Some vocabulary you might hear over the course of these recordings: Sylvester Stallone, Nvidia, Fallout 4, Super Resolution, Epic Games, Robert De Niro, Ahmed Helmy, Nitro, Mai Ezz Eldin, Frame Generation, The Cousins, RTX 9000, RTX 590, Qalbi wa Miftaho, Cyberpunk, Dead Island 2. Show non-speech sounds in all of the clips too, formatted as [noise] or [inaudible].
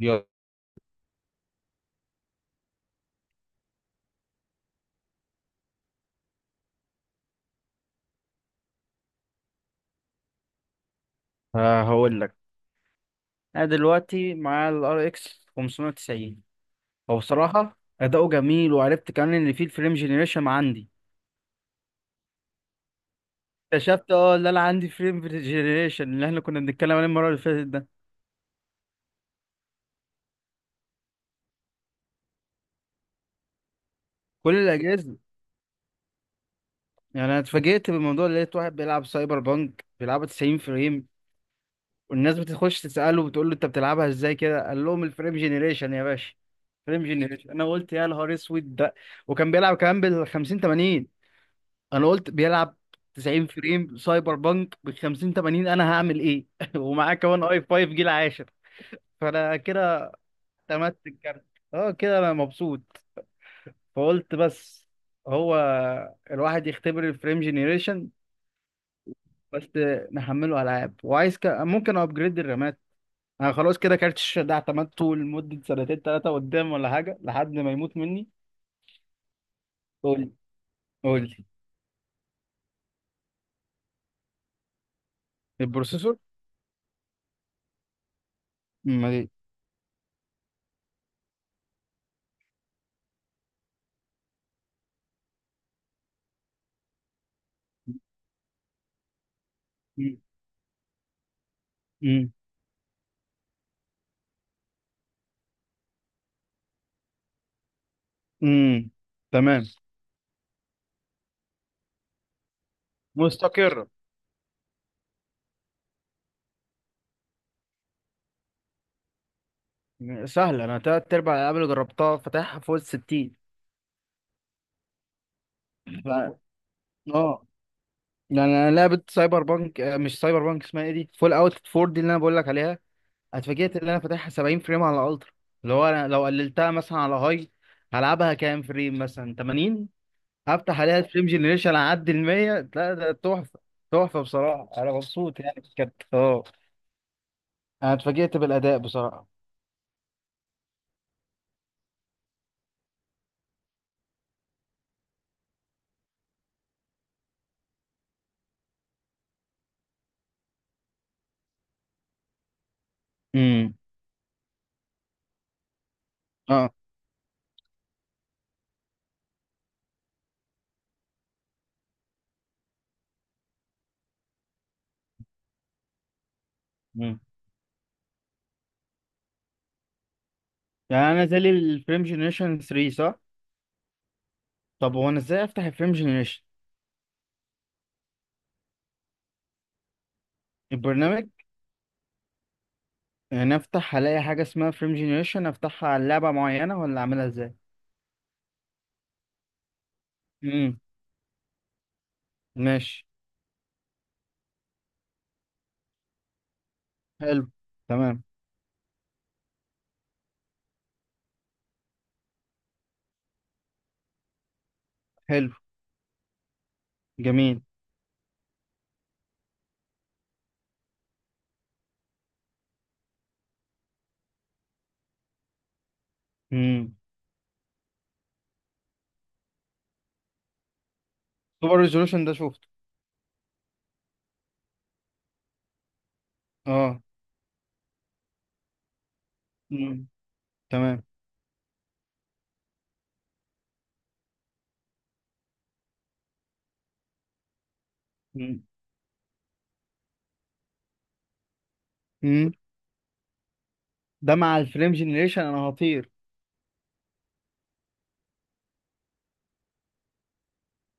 يلا، هقول لك. انا دلوقتي مع الار اكس 590. هو بصراحه اداؤه جميل، وعرفت كمان ان في الفريم جنريشن عندي. اكتشفت ان انا عندي فريم جنريشن اللي احنا كنا بنتكلم عليه المره اللي فاتت ده. كل الاجهزه. يعني انا اتفاجئت بالموضوع، اللي لقيت واحد بيلعب سايبر بانك بيلعبها 90 فريم، والناس بتخش تساله، بتقول له انت بتلعبها ازاي كده؟ قال لهم الفريم جنريشن يا باشا. فريم جنريشن، انا قلت يا نهار اسود ده. وكان بيلعب كمان بال 50 80. انا قلت بيلعب 90 فريم سايبر بانك ب 50 80، انا هعمل ايه؟ [laughs] ومعاه كمان اي 5 جيل عاشر. فانا كده اعتمدت الكارت. اه كده انا مبسوط. فقلت بس هو الواحد يختبر الفريم جينيريشن بس نحمله العاب، وعايز ممكن ابجريد الرامات. انا خلاص كده كارت الشاشه ده اعتمدته لمده سنتين 3 قدام، ولا حاجه لحد ما يموت مني. قول لي، قول لي. البروسيسور؟ امال؟ ايه؟ امم، امم، تمام. مستقرة. سهلة، أنا تلات أرباع الألعاب اللي جربتها فاتحها فوق ال 60. ف... اه، يعني أنا لعبة سايبر بانك، مش سايبر بانك، اسمها إيه دي؟ فول أوت 4 دي اللي أنا بقول لك عليها. اتفاجئت إن أنا فاتحها 70 فريم على الألترا. اللي هو أنا لو قللتها مثلا على هاي، هلعبها كام فريم؟ مثلا 80. هفتح عليها الفريم جنريشن أعدي ال 100، لا ده تحفة. تحفة بصراحة، أنا مبسوط يعني، بجد اه. أنا اتفاجئت بالأداء بصراحة. امم، اه، امم. يعني أنا زي الفريم جنريشن 3 صح؟ طب هو انا ازاي افتح الفريم جنريشن؟ البرنامج؟ يعني افتح الاقي حاجه اسمها فريم جنريشن، افتحها على لعبه معينه، ولا اعملها ازاي؟ امم. ماشي. حلو. تمام. حلو. جميل. امم. سوبر ريزولوشن ده شفته. اه. امم. تمام. امم. أمم. ده مع الفريم جنريشن انا هطير.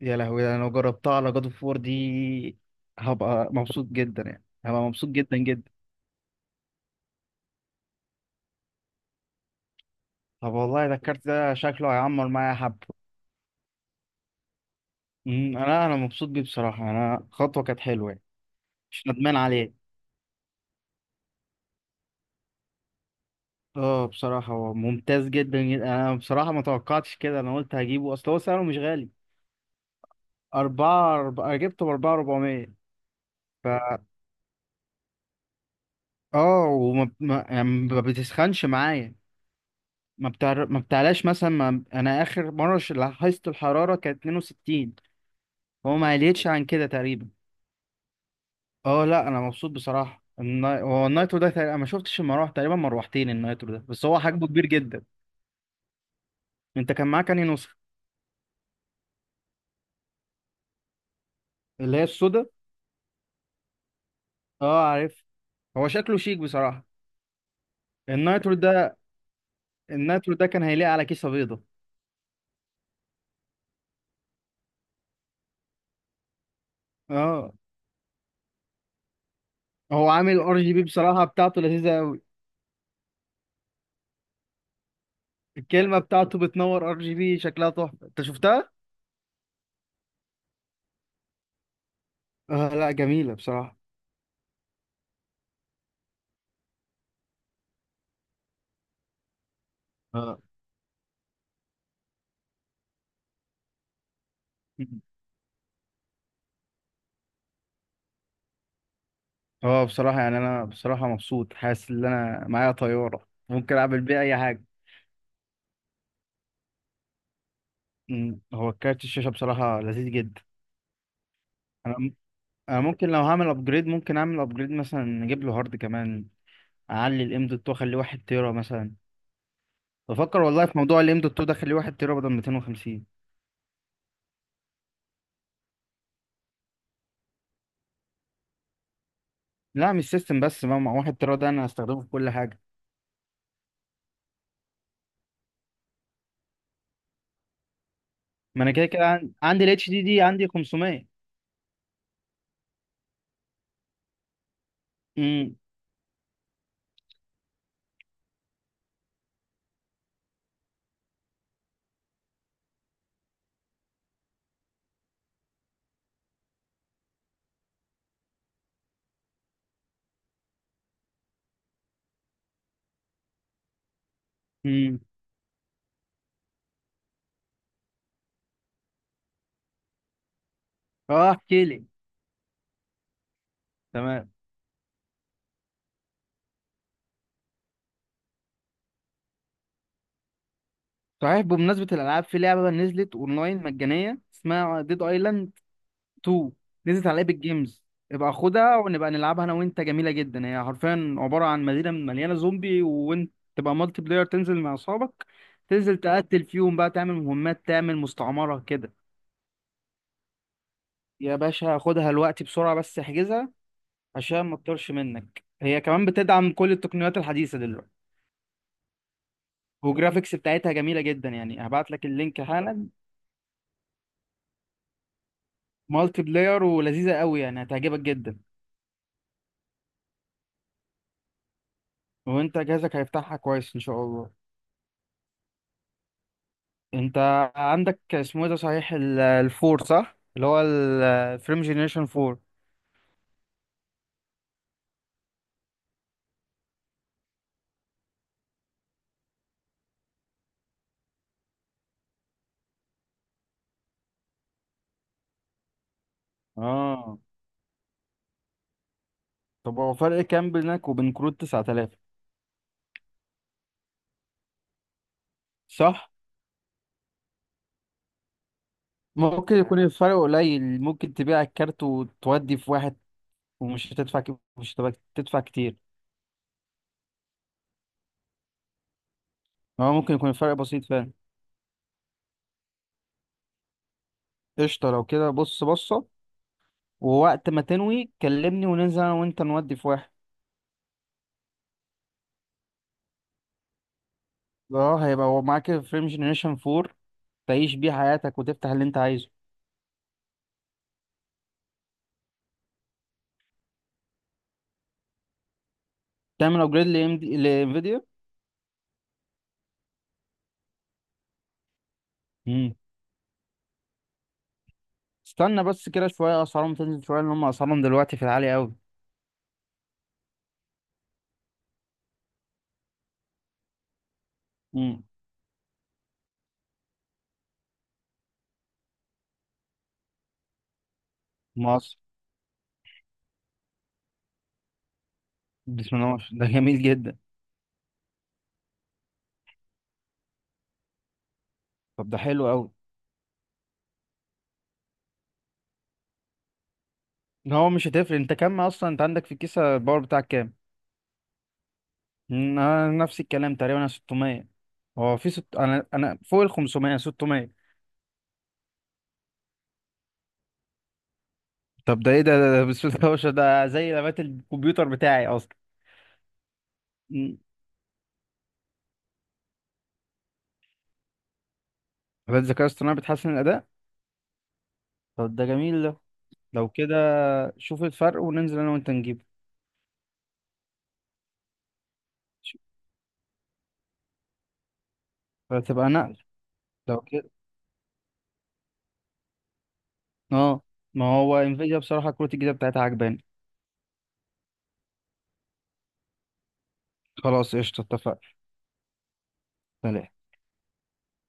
يا لهوي، انا لو جربتها على جاد اوف وور دي، هبقى مبسوط جدا، يعني هبقى مبسوط جدا جدا. طب والله ده الكارت ده شكله هيعمر معايا حبه. أمم، انا مبسوط بيه بصراحه، انا خطوه كانت حلوه يعني. مش ندمان عليه. اه بصراحة هو ممتاز جدا جدا. انا بصراحة ما توقعتش كده، انا قلت هجيبه اصل هو سعره مش غالي. أربعة أربعة، أنا جبته بأربعة 400. ف اه وما ما... يعني ما بتسخنش معايا. ما بتعلاش مثلا ما... أنا آخر مرة لاحظت الحرارة كانت 62. هو ما قلتش عن كده تقريبا. اه لا، أنا مبسوط بصراحة. هو النايترو ده تقريبا، أنا ما شفتش المراوح تقريبا، مروحتين النايترو ده، بس هو حجمه كبير جدا. أنت كان معاك أنهي نسخة؟ اللي هي السودا. اه عارف. هو شكله شيك بصراحة. النايترو ده النايترو ده كان هيليق على كيسة بيضة. اه هو عامل ار جي بي بصراحة، بتاعته لذيذة قوي. الكلمة بتاعته بتنور ار جي بي شكلها تحفة، انت شفتها؟ اه لا جميلة بصراحة. اه اه بصراحة، يعني انا بصراحة مبسوط، حاسس ان انا معايا طيارة ممكن اعمل بيها اي حاجة. مم. هو كارت الشاشة بصراحة لذيذ جدا. انا انا ممكن لو هعمل ابجريد، ممكن اعمل ابجريد مثلا نجيب له هارد كمان. اعلي الام دوت واخليه 1 تيرا مثلا. بفكر والله في موضوع الام دوت 2 ده، خليه 1 تيرا بدل 250. لا مش سيستم بس، ما مع 1 تيرا ده انا هستخدمه في كل حاجه. ما انا كده كده عندي الاتش دي دي عندي 500. امم، امم، اه احكي لي، تمام. صحيح، بمناسبه الالعاب، في لعبه نزلت اونلاين مجانيه اسمها ديد ايلاند 2، نزلت على ايبك جيمز. ابقى خدها ونبقى نلعبها انا وانت. جميله جدا، هي حرفيا عباره عن مدينه مليانه زومبي، وانت تبقى مالتي بلاير تنزل مع اصحابك، تنزل تقتل فيهم بقى، تعمل مهمات، تعمل مستعمره كده. يا باشا خدها، الوقت بسرعة بس احجزها عشان ما تطرش منك. هي كمان بتدعم كل التقنيات الحديثة دلوقتي، والجرافيكس بتاعتها جميلة جدا، يعني هبعت لك اللينك حالا. مالتي بلاير ولذيذة قوي، يعني هتعجبك جدا. وانت جهازك هيفتحها كويس ان شاء الله. انت عندك اسمه ايه ده صحيح الفور صح اللي هو الفريم جينيريشن 4؟ اه. طب هو فرق كام بينك وبين كروت 9000؟ صح. ممكن يكون الفرق قليل، ممكن تبيع الكارت وتودي في واحد، ومش هتدفع مش هتبقى تدفع كتير. هو ممكن يكون الفرق بسيط فعلا. قشطة، لو كده بص بصة. ووقت ما تنوي كلمني، وننزل انا وانت نودي في واحد. اه هيبقى هو معاك الفريم جنريشن 4، تعيش بيه حياتك وتفتح اللي انت عايزه. تعمل ابجريد لام دي لانفيديا. امم. استنى بس كده شوية، اسعارهم تنزل شوية، لان هم اسعارهم دلوقتي في العالي قوي. امم. مصر، بسم الله ما شاء الله. ده جميل جدا. طب ده حلو قوي. هو مش هتفرق، انت كام اصلا؟ انت عندك في الكيسة الباور بتاعك كام؟ مم، انا نفس الكلام تقريبا، انا 600. هو في انا فوق ال 500 600. طب ده ايه ده بسم الله ما شاء الله، ده زي لابات الكمبيوتر بتاعي اصلا. مم. لابات الذكاء الاصطناعي بتحسن الاداء. طب ده جميل ده. لو كده شوف الفرق وننزل انا وانت نجيبه. فتبقى نقل. لو كده اه، ما هو انفيديا بصراحة كروت الجديدة بتاعتها عجباني. خلاص قشطة اتفقنا.